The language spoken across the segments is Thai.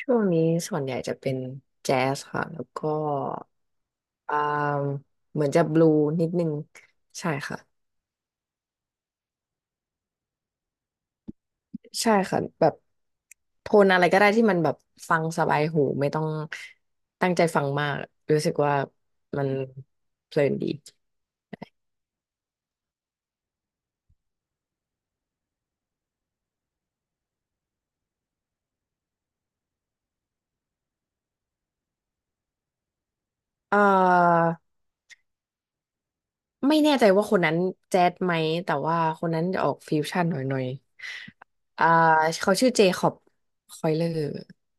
ช่วงนี้ส่วนใหญ่จะเป็นแจ๊สค่ะแล้วก็อ่าเหมือนจะบลูนิดนึงใช่ค่ะใช่ค่ะแบบโทนอะไรก็ได้ที่มันแบบฟังสบายหูไม่ต้องตั้งใจฟังมากรู้สึกว่ามันเพลินดีเอ่อไม่แน่ใจว่าคนนั้นแจ๊สไหมแต่ว่าคนนั้นจะออกฟิวชั่นหน่อยๆอยอ่าเขาชื่อเจคอบคอยเลอร์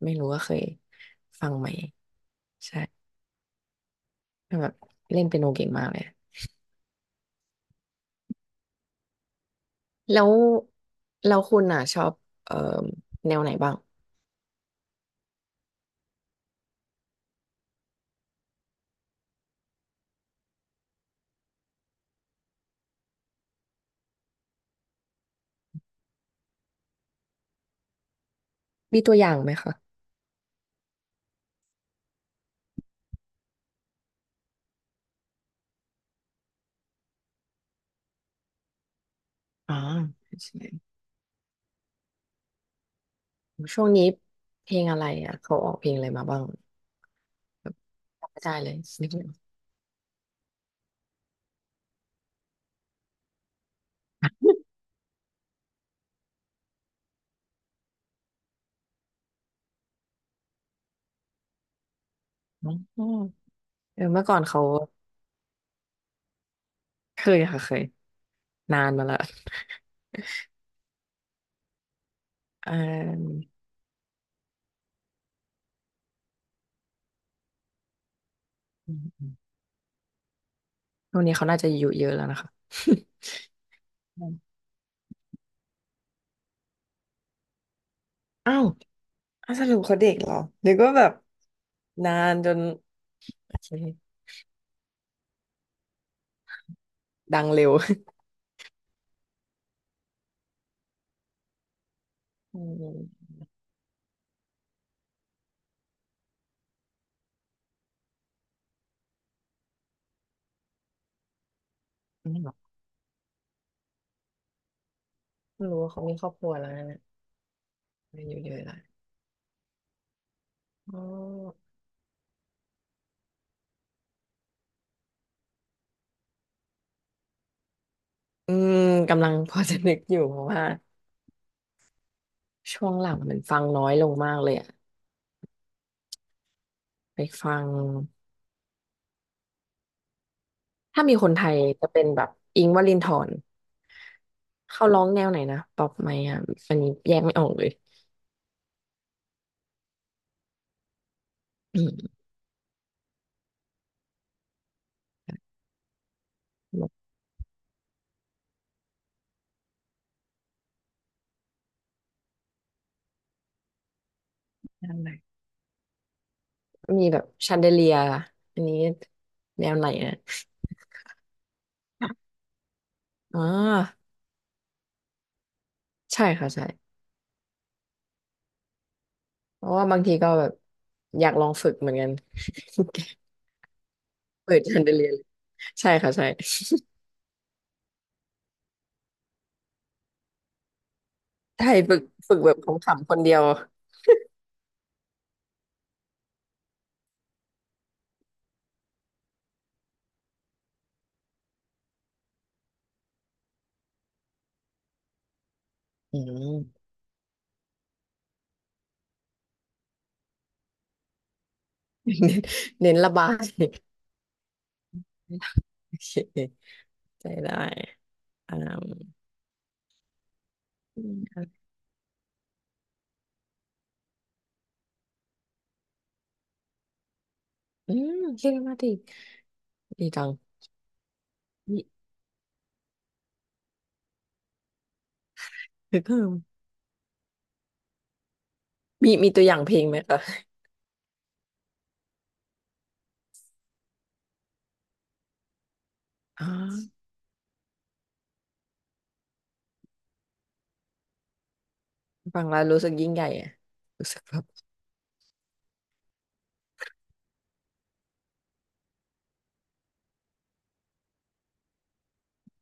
ไม่รู้ว่าเคยฟังไหมใช่ แบบเล่นเปียโนเก่งมากเลย แล้วแล้วคุณอ่ะชอบเอ่อแนวไหนบ้างมีตัวอย่างไหมคะอ๋อใช่ช่วงนี้เพลงอะไรอ่ะเขาออกเพลงอะไรมาบ้างแบบจำไม่ได้เลยนึกไม่ออกอ๋อเออเมื่อก่อนเขาเคยค่ะเคยนานมาละเอออืมอืมช่วงนี้เขาน่าจะอายุเยอะแล้วนะคะ อืมอ้าวอ้าวสรุปเขาเด็กเหรอนึกว่าแบบนานจนโอเคดังเร็วอืม ไม่งรู้ว่าเขามีครอบครัวแล้วนะเนี่ยอายุเยอะแล้วอ๋ออืมกำลังพอจะนึกอยู่เพราะว่าช่วงหลังมันฟังน้อยลงมากเลยอะไปฟังถ้ามีคนไทยจะเป็นแบบอิงค์วลินทรเขาร้องแนวไหนนะป๊อปไหมอ่ะอันนี้แยกไม่ออกเลยอืมแบบแนวไหนมีแบบชันเดเลียอันนี้แนวไหนนะอ๋อใช่ค่ะใช่เพราะว่าบางทีก็แบบอยากลองฝึกเหมือนกัน เปิดชันเดเลียเลยใช่ค่ะใช่ ใช่ฝึกฝึกแบบของขำคนเดียวอืมเน้นเน้นระบายโอเคใจได้อ่าอืมอืมเรียกมาติดีจังมีฮึกเหิมมีมีตัวอย่างเพลงไหมคะอ๋อฟังแล้วรู้สึกยิ่งใหญ่อะรู้สึกแบบ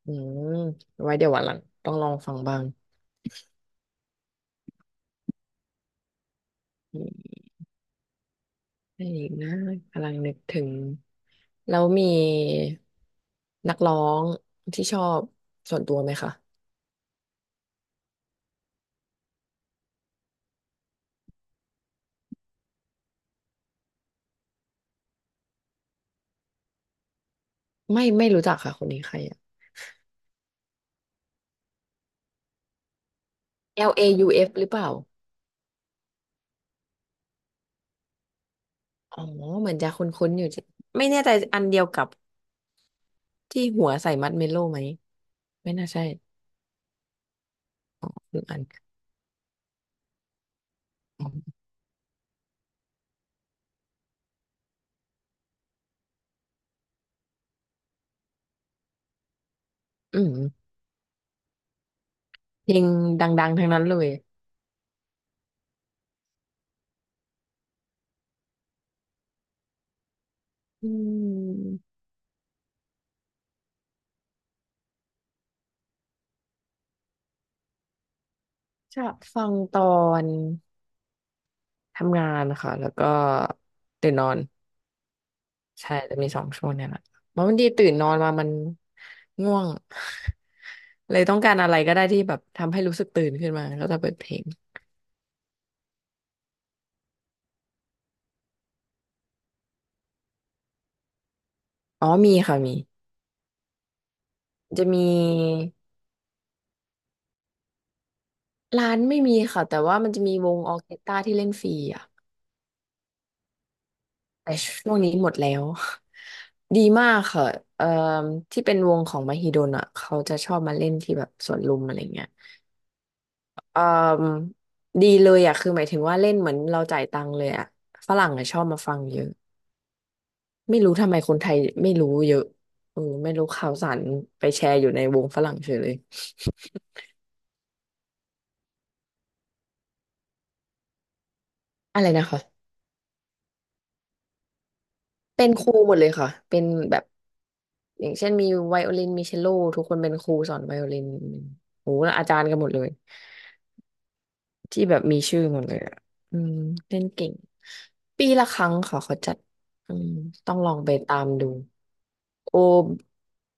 อืมไว้เดี๋ยววันหลังต้องลองฟังบ้างอืมอะไรอีกนะกำลังนึกถึงแล้วมีนักร้องที่ชอบส่วนตัวไหมคะไม่ไม่รู้จักค่ะคนนี้ใครอะ L A U F หรือเปล่า อ๋อ เหมือนจะคุ้นๆอยู่จิไม่แน่ใจอันเดียวกับที่หัวใส่มัดเมโล่ไหม ไม่น่าใช่หรืออันอ๋ออืม เพลงดังๆ ทั้งนั้นเลย อืมชะฟังตอนทำงานค่ะ แล้วก็ตื่นนอน ใช่ จะมี2 ช่วงเนี่ยแหละมันบางทีตื่นนอนมามันง่วง เลยต้องการอะไรก็ได้ที่แบบทำให้รู้สึกตื่นขึ้นมาก็จะเปิดเพลงอ๋อมีค่ะมีจะมี ร้านไม่มีค่ะแต่ว่ามันจะมีวงออร์เคสตราที่เล่นฟรีอ่ะแต่ช่วงนี้หมดแล้ว ดีมากค่ะเอ่อที่เป็นวงของมหิดลอ่ะเขาจะชอบมาเล่นที่แบบสวนลุมอะไรเงี้ยเอ่อดีเลยอ่ะคือหมายถึงว่าเล่นเหมือนเราจ่ายตังค์เลยอ่ะฝรั่งอ่ะชอบมาฟังเยอะไม่รู้ทำไมคนไทยไม่รู้เยอะเออไม่รู้ข่าวสารไปแชร์อยู่ในวงฝรั่งเฉยเลยอะไรนะคะเป็นครูหมดเลยค่ะเป็นแบบ อย่างเช่นมีไวโอลินมีเชลโลทุกคนเป็นครูสอนไวโอลินโอ้โหแล้วอาจารย์กันหมดเลยที่แบบมีชื่อหมดเลยอะอืมเล่นเก่งปีละครั้งค่ะเขาจัดอืมต้องลองไปตามดู O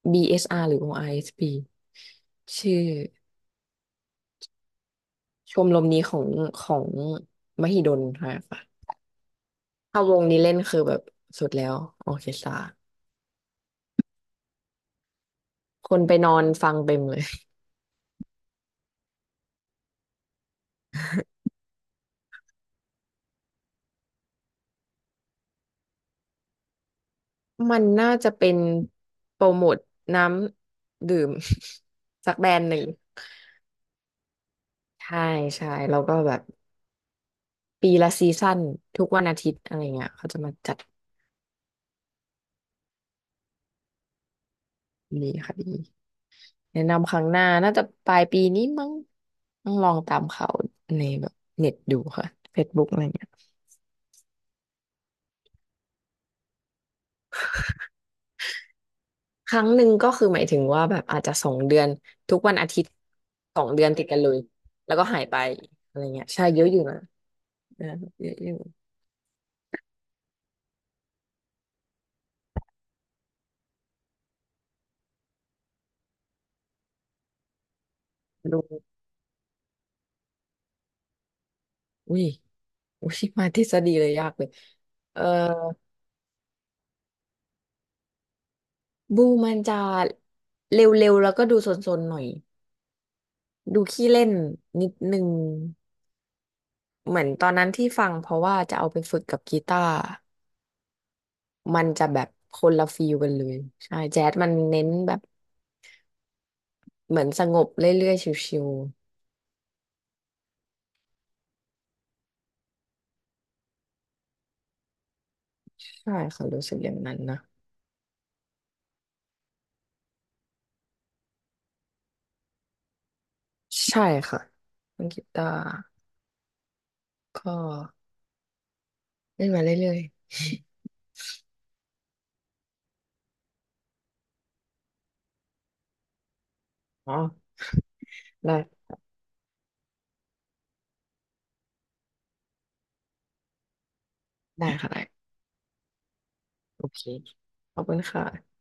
BSR หรือ o i s ีชื่อชมรมนี้ของของมหิดลค่ะถ้าวงนี้เล่นคือแบบสุดแล้วออร์เคสตราคนไปนอนฟังเต็มเลย มันน่าจะเป็นโปรโมทน้ำดื่ม สักแบรนด์หนึ่งใช่ใช่แล้วก็แบบปีละซีซั่นทุกวันอาทิตย์อะไรเงี้ยเขาจะมาจัดดีค่ะดีแนะนำครั้งหน้าน่าจะปลายปีนี้มั้งต้องลองตามเขาในแบบเน็ตดูค่ะเฟซบุ o กอะไรเงี้ยครั้งหนึ่งก็คือหมายถึงว่าแบบอาจจะสองเดือนทุกวันอาทิตย์สองเดือนติดกันเลยแล้วก็หายไปอะไรเงี้ยใช่เยอะอยู่นะเออเยอะอยู่ดู อุ้ยอุ้ยมาทฤษฎีเลยยากเลยเอ่อบูมันจะเร็วๆแล้วก็ดูซนๆหน่อยดูขี้เล่นนิดนึงเหมือนตอนนั้นที่ฟังเพราะว่าจะเอาไปฝึกกับกีตาร์มันจะแบบคนละฟีลกันเลยใช่แจ๊สมันเน้นแบบเหมือนสงบเรื่อยๆชิวๆใช่ค่ะรู้สึกอย่างนั้นนะใช่ค่ะเล่นกีตาร์ก็เล่นมาเรื่อยๆอ๋อได้ได้ค่ะได้โอเคขอบคุณค่ะ